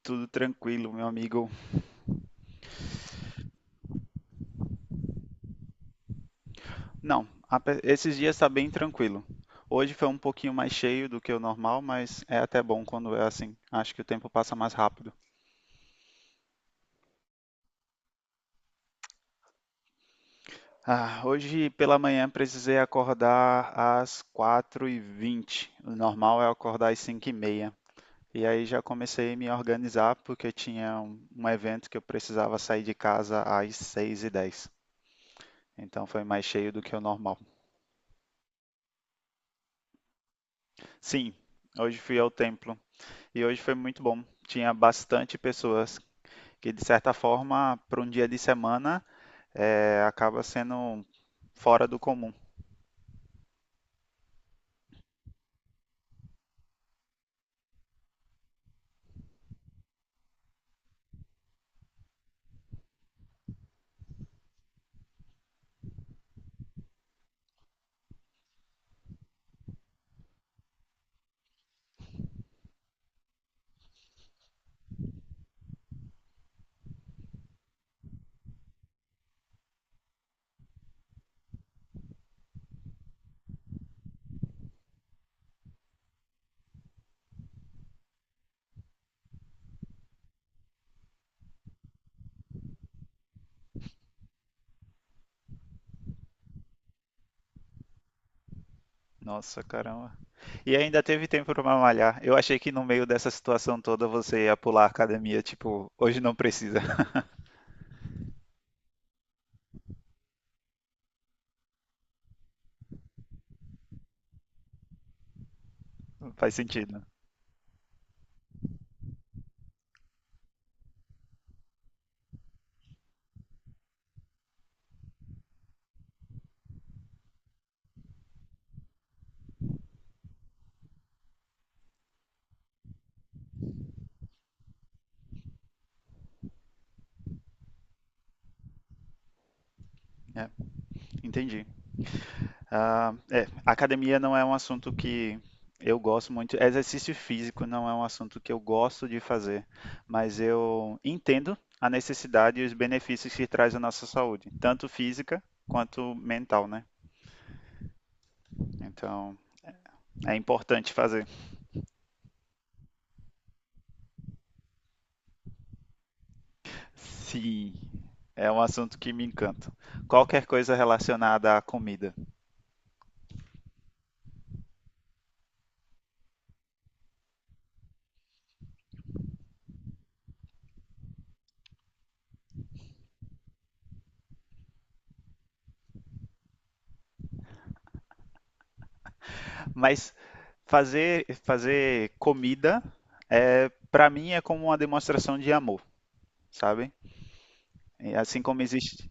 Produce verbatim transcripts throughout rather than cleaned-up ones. Tudo tranquilo, meu amigo. Não, ape- Esses dias tá bem tranquilo. Hoje foi um pouquinho mais cheio do que o normal, mas é até bom quando é assim. Acho que o tempo passa mais rápido. Ah, hoje pela manhã precisei acordar às quatro e vinte. O normal é acordar às cinco e meia. E aí já comecei a me organizar porque tinha um, um evento que eu precisava sair de casa às seis e dez. Então foi mais cheio do que o normal. Sim, hoje fui ao templo. E hoje foi muito bom. Tinha bastante pessoas que, de certa forma, para um dia de semana, é, acaba sendo fora do comum. Nossa, caramba. E ainda teve tempo para malhar. Eu achei que no meio dessa situação toda você ia pular a academia, tipo, hoje não precisa. Faz sentido. É, entendi. Ah, é, academia não é um assunto que eu gosto muito. Exercício físico não é um assunto que eu gosto de fazer, mas eu entendo a necessidade e os benefícios que traz à nossa saúde, tanto física quanto mental, né? Então, é importante fazer. Sim, é um assunto que me encanta. Qualquer coisa relacionada à comida. Mas fazer fazer comida é para mim é como uma demonstração de amor, sabe? E assim como existe,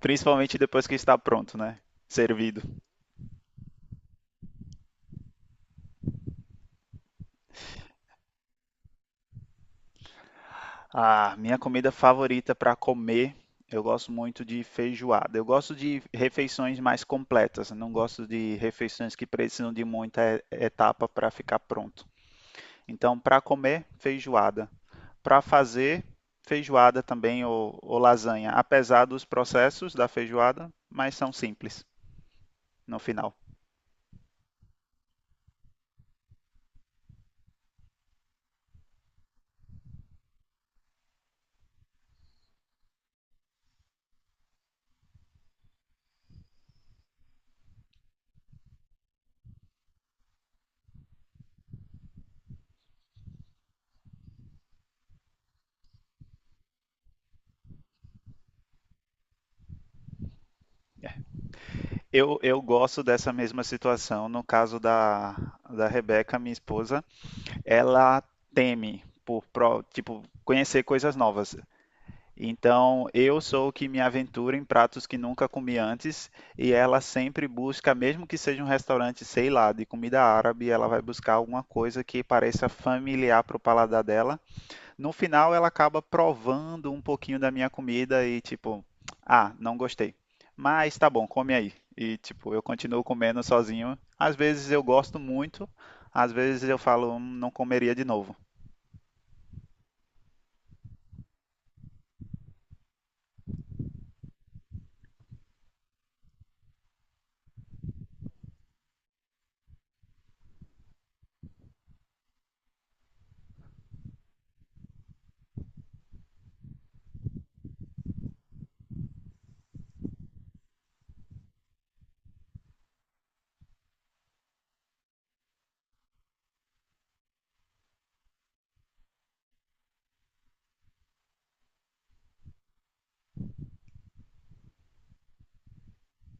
principalmente depois que está pronto, né? Servido. Ah, minha comida favorita para comer, eu gosto muito de feijoada. Eu gosto de refeições mais completas, não gosto de refeições que precisam de muita e- etapa para ficar pronto. Então, para comer, feijoada. Para fazer, feijoada também ou, ou lasanha, apesar dos processos da feijoada, mas são simples no final. Eu, eu gosto dessa mesma situação. No caso da, da Rebeca, minha esposa, ela teme por, pro- tipo, conhecer coisas novas. Então, eu sou o que me aventura em pratos que nunca comi antes, e ela sempre busca, mesmo que seja um restaurante, sei lá, de comida árabe, ela vai buscar alguma coisa que pareça familiar para o paladar dela, no final, ela acaba provando um pouquinho da minha comida e tipo, ah, não gostei. Mas tá bom, come aí. E tipo, eu continuo comendo sozinho. Às vezes eu gosto muito, às vezes eu falo, "Hum, não comeria de novo.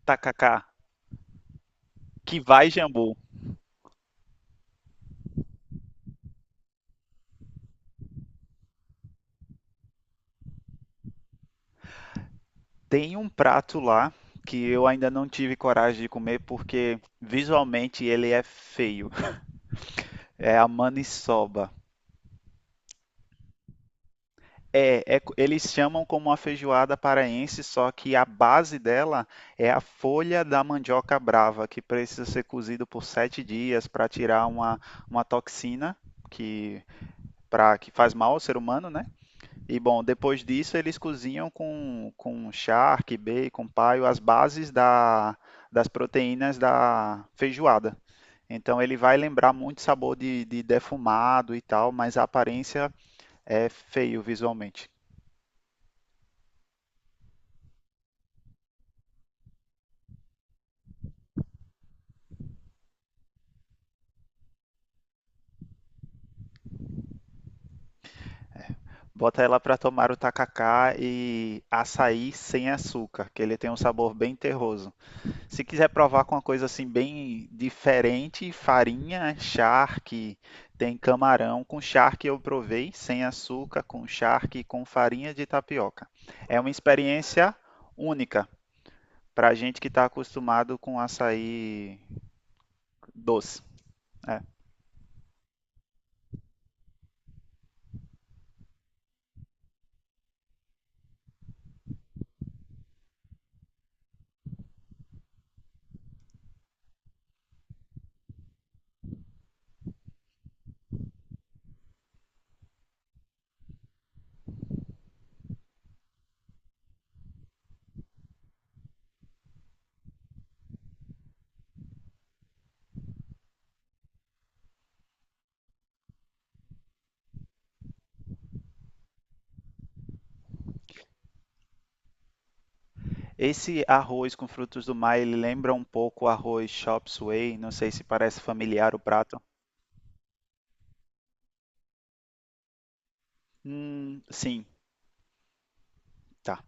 Tacacá, que vai, Jambu. Tem um prato lá que eu ainda não tive coragem de comer porque visualmente ele é feio. É a maniçoba. É, é co- eles chamam como a feijoada paraense, só que a base dela é a folha da mandioca brava, que precisa ser cozido por sete dias para tirar uma, uma toxina que, pra, que faz mal ao ser humano, né? E bom, depois disso eles cozinham com, com charque, bacon, paio, as bases da, das proteínas da feijoada. Então ele vai lembrar muito sabor de, de defumado e tal, mas a aparência é feio visualmente. Bota ela pra tomar o tacacá e açaí sem açúcar, que ele tem um sabor bem terroso. Se quiser provar com uma coisa assim bem diferente, farinha, charque, tem camarão. Com charque eu provei, sem açúcar, com charque e com farinha de tapioca. É uma experiência única pra gente que está acostumado com açaí doce. É. Esse arroz com frutos do mar, ele lembra um pouco o arroz chop suey, não sei se parece familiar o prato. Hum, sim, tá,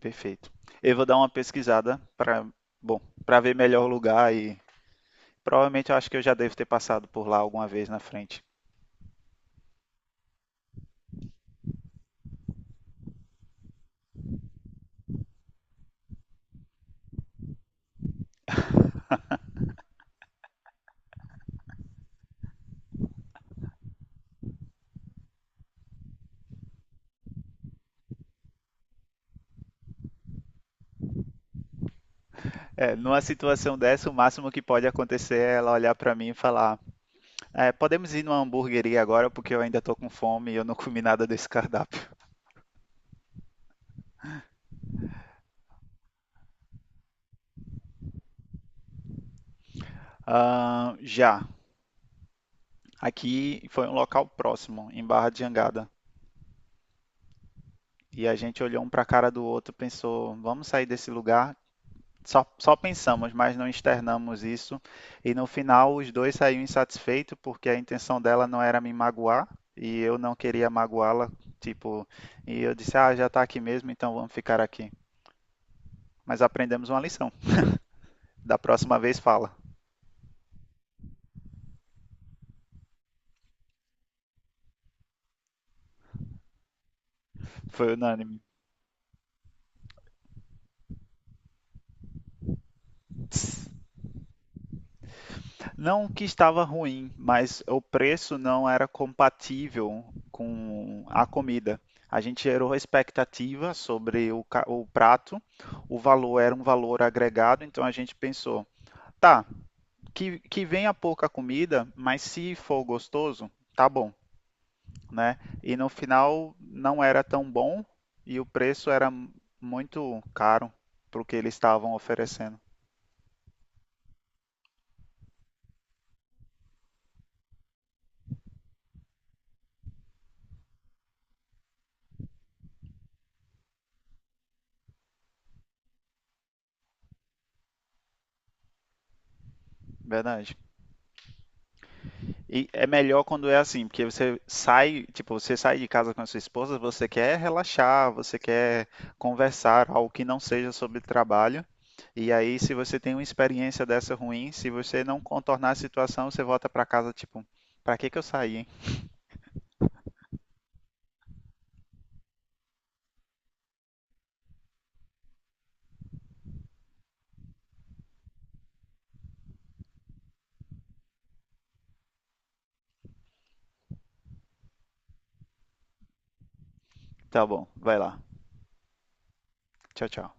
perfeito. Eu vou dar uma pesquisada para, bom, para ver melhor o lugar e provavelmente eu acho que eu já devo ter passado por lá alguma vez na frente. É, numa situação dessa, o máximo que pode acontecer é ela olhar para mim e falar: "É, podemos ir numa hamburgueria agora porque eu ainda tô com fome e eu não comi nada desse cardápio. Ah, já, aqui foi um local próximo, em Barra de Jangada. E a gente olhou um para a cara do outro, pensou: vamos sair desse lugar. Só, só pensamos, mas não externamos isso. E no final, os dois saíram insatisfeitos porque a intenção dela não era me magoar e eu não queria magoá-la. Tipo, e eu disse: Ah, já tá aqui mesmo, então vamos ficar aqui. Mas aprendemos uma lição. Da próxima vez, fala. Foi unânime. Não que estava ruim, mas o preço não era compatível com a comida. A gente gerou expectativa sobre o, ca- o prato, o valor era um valor agregado, então a gente pensou, tá, que, que venha pouca comida, mas se for gostoso, tá bom, né? E no final não era tão bom e o preço era muito caro para o que eles estavam oferecendo. Verdade. E é melhor quando é assim, porque você sai, tipo, você sai de casa com a sua esposa, você quer relaxar, você quer conversar, algo que não seja sobre trabalho. E aí, se você tem uma experiência dessa ruim, se você não contornar a situação, você volta pra casa, tipo, pra que que eu saí, hein? Tá bom, vai lá. Tchau, tchau.